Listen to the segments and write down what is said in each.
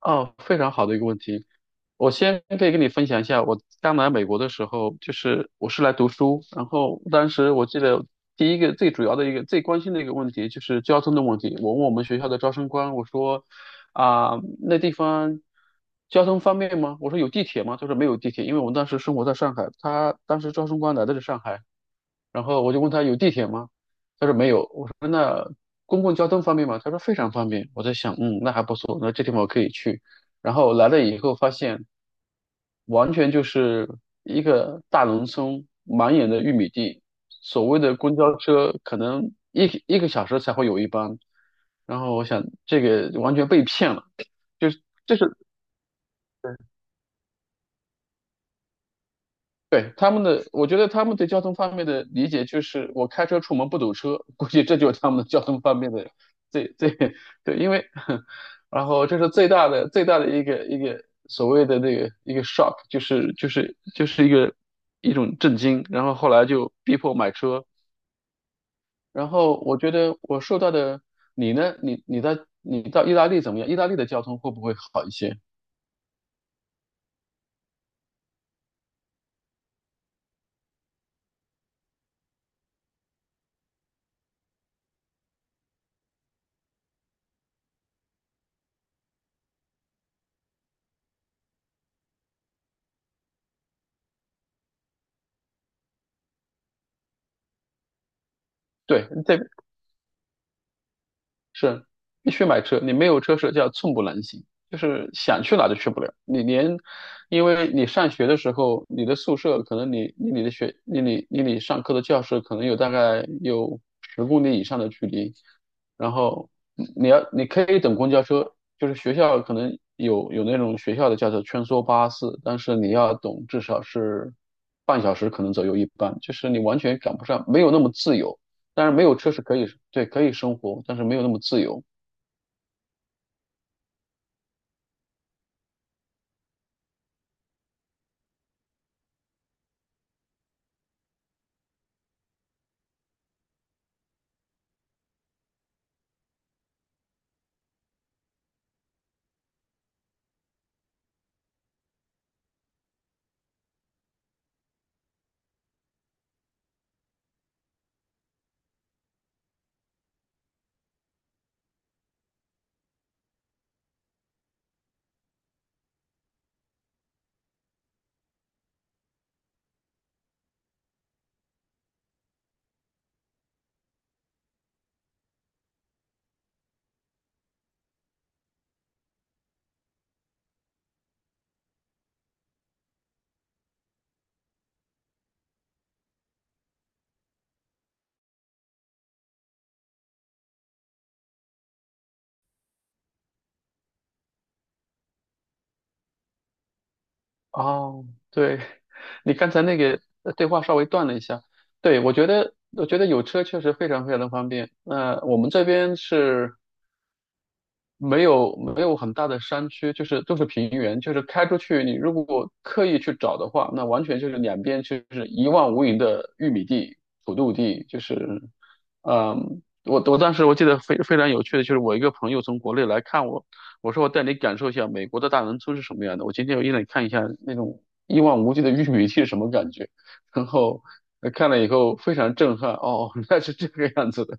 哦，非常好的一个问题。我先可以跟你分享一下，我刚来美国的时候，就是我是来读书，然后当时我记得第一个最主要的一个最关心的一个问题就是交通的问题。我问我们学校的招生官，我说啊、那地方交通方便吗？我说有地铁吗？他说没有地铁，因为我们当时生活在上海，他当时招生官来的是上海，然后我就问他有地铁吗？他说没有。我说那公共交通方便吗？他说非常方便。我在想，那还不错，那这地方我可以去。然后来了以后发现，完全就是一个大农村，满眼的玉米地。所谓的公交车可能一个小时才会有一班，然后我想这个完全被骗了，就是这是对，他们的，我觉得他们对交通方面的理解就是，我开车出门不堵车，估计这就是他们的交通方面的最最 对，因为 然后这是最大的一个所谓的那个一个 shock,就是一个一种震惊，然后后来就逼迫买车，然后我觉得我受到的，你呢？你到意大利怎么样？意大利的交通会不会好一些？对，这是必须买车，你没有车是叫寸步难行，就是想去哪都去不了。你连，因为你上学的时候，你的宿舍可能你离你的学离你上课的教室可能有大概有10公里以上的距离，然后你可以等公交车，就是学校可能有那种学校的叫做穿梭巴士，但是你要等至少是半小时可能左右一班，就是你完全赶不上，没有那么自由。但是没有车是可以，对，可以生活，但是没有那么自由。哦，对，你刚才那个对话稍微断了一下。对，我觉得有车确实非常非常的方便。那、我们这边是没有很大的山区，就是都是平原，就是开出去，你如果刻意去找的话，那完全就是两边就是一望无垠的玉米地、土豆地，就是，我当时我记得非常有趣的就是我一个朋友从国内来看我，我说我带你感受一下美国的大农村是什么样的，我今天我一来看一下那种一望无际的玉米地是什么感觉，然后看了以后非常震撼，哦，原来是这个样子的。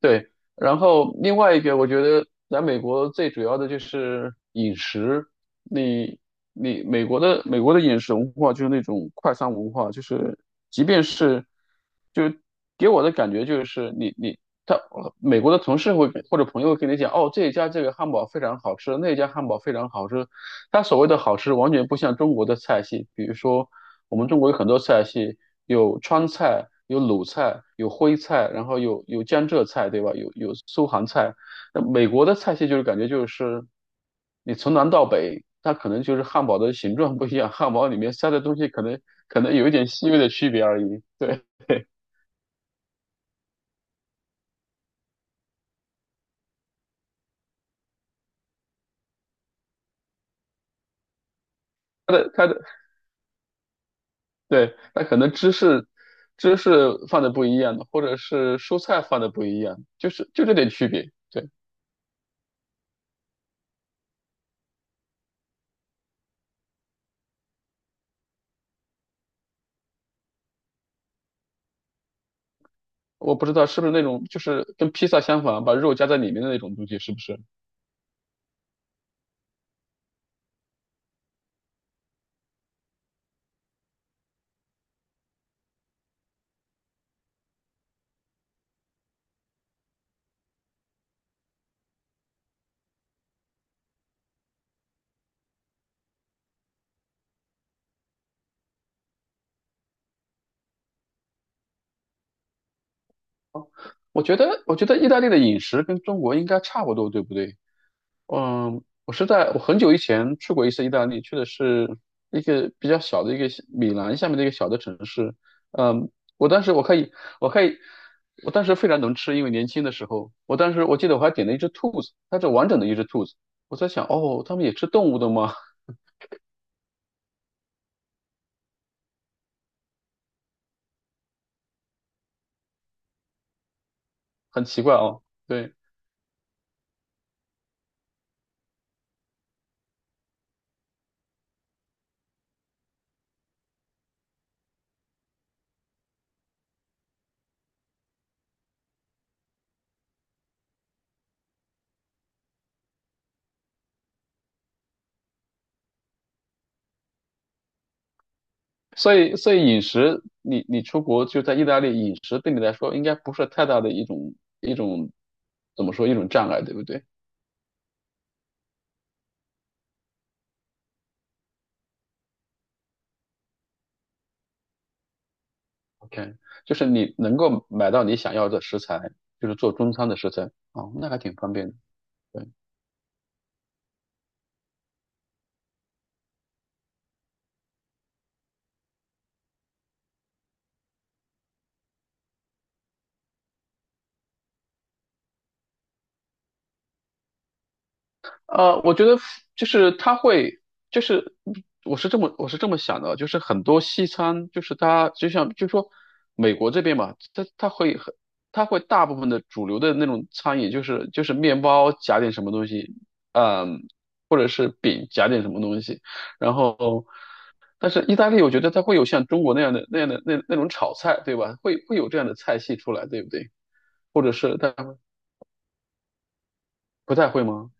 对，然后另外一个，我觉得来美国最主要的就是饮食。你你美国的饮食文化就是那种快餐文化，就是即便是就给我的感觉就是你你他美国的同事会或者朋友会跟你讲，哦，这一家这个汉堡非常好吃，那一家汉堡非常好吃，它所谓的好吃，完全不像中国的菜系。比如说，我们中国有很多菜系，有川菜，有鲁菜，有徽菜，然后有江浙菜，对吧？有苏杭菜。那美国的菜系就是感觉就是你从南到北，它可能就是汉堡的形状不一样，汉堡里面塞的东西可能有一点细微的区别而已。对，它的它的对，它可能芝士放的不一样，或者是蔬菜放的不一样，就是就这点区别。对。我不知道是不是那种就是跟披萨相反啊，把肉夹在里面的那种东西，是不是？我觉得意大利的饮食跟中国应该差不多，对不对？嗯，我是在我很久以前去过一次意大利，去的是一个比较小的一个米兰下面的一个小的城市。嗯，我当时我可以，我可以，我当时非常能吃，因为年轻的时候，我当时我记得我还点了一只兔子，它是完整的一只兔子。我在想，哦，他们也吃动物的吗？很奇怪哦。对。所以饮食，你出国就在意大利，饮食对你来说应该不是太大的一种一种怎么说一种障碍，对不对？OK,就是你能够买到你想要的食材，就是做中餐的食材，哦，那还挺方便的。对。我觉得就是他会，就是我是这么想的，就是很多西餐，就是它就像就说美国这边嘛，它会大部分的主流的那种餐饮，就是面包夹点什么东西，嗯，或者是饼夹点什么东西，然后但是意大利，我觉得它会有像中国那样的那种炒菜，对吧？会有这样的菜系出来，对不对？或者是它不太会吗？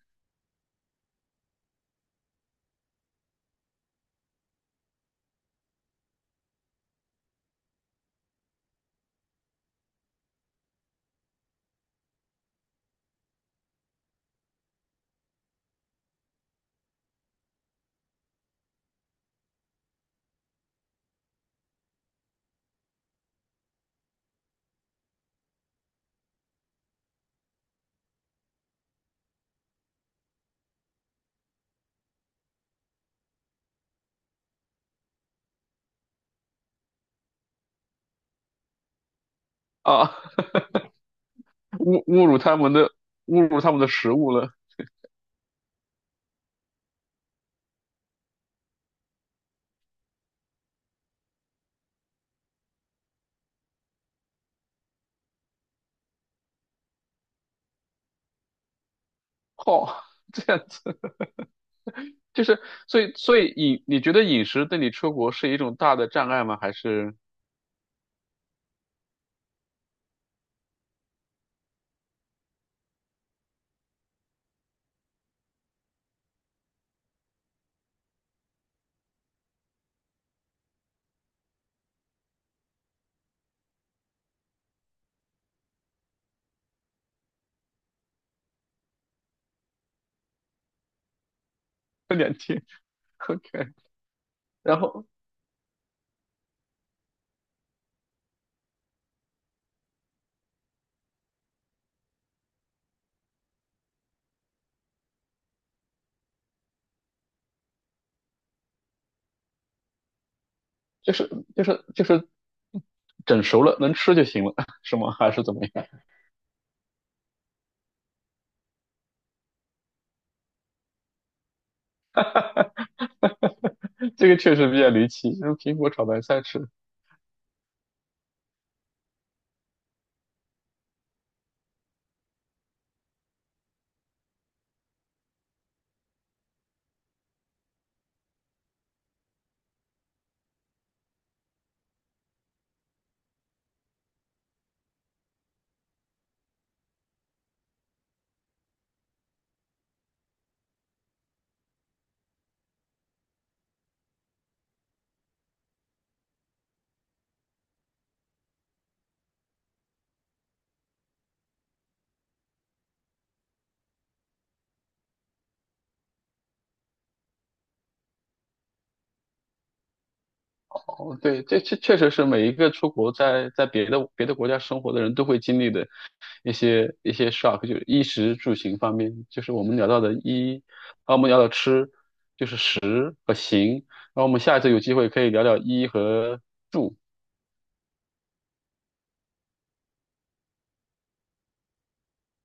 啊。侮侮辱他们的侮辱他们的食物了，哦，这样子就是所以你觉得饮食对你出国是一种大的障碍吗？还是2天 OK?然后就是就是整熟了能吃就行了，是吗？还是怎么样？这个确实比较离奇，用苹果炒白菜吃。哦，对，这确实是每一个出国在别的国家生活的人都会经历的一些 shock,就是衣食住行方面，就是我们聊到的衣，然后我们聊到吃和行，然后我们下一次有机会可以聊聊衣和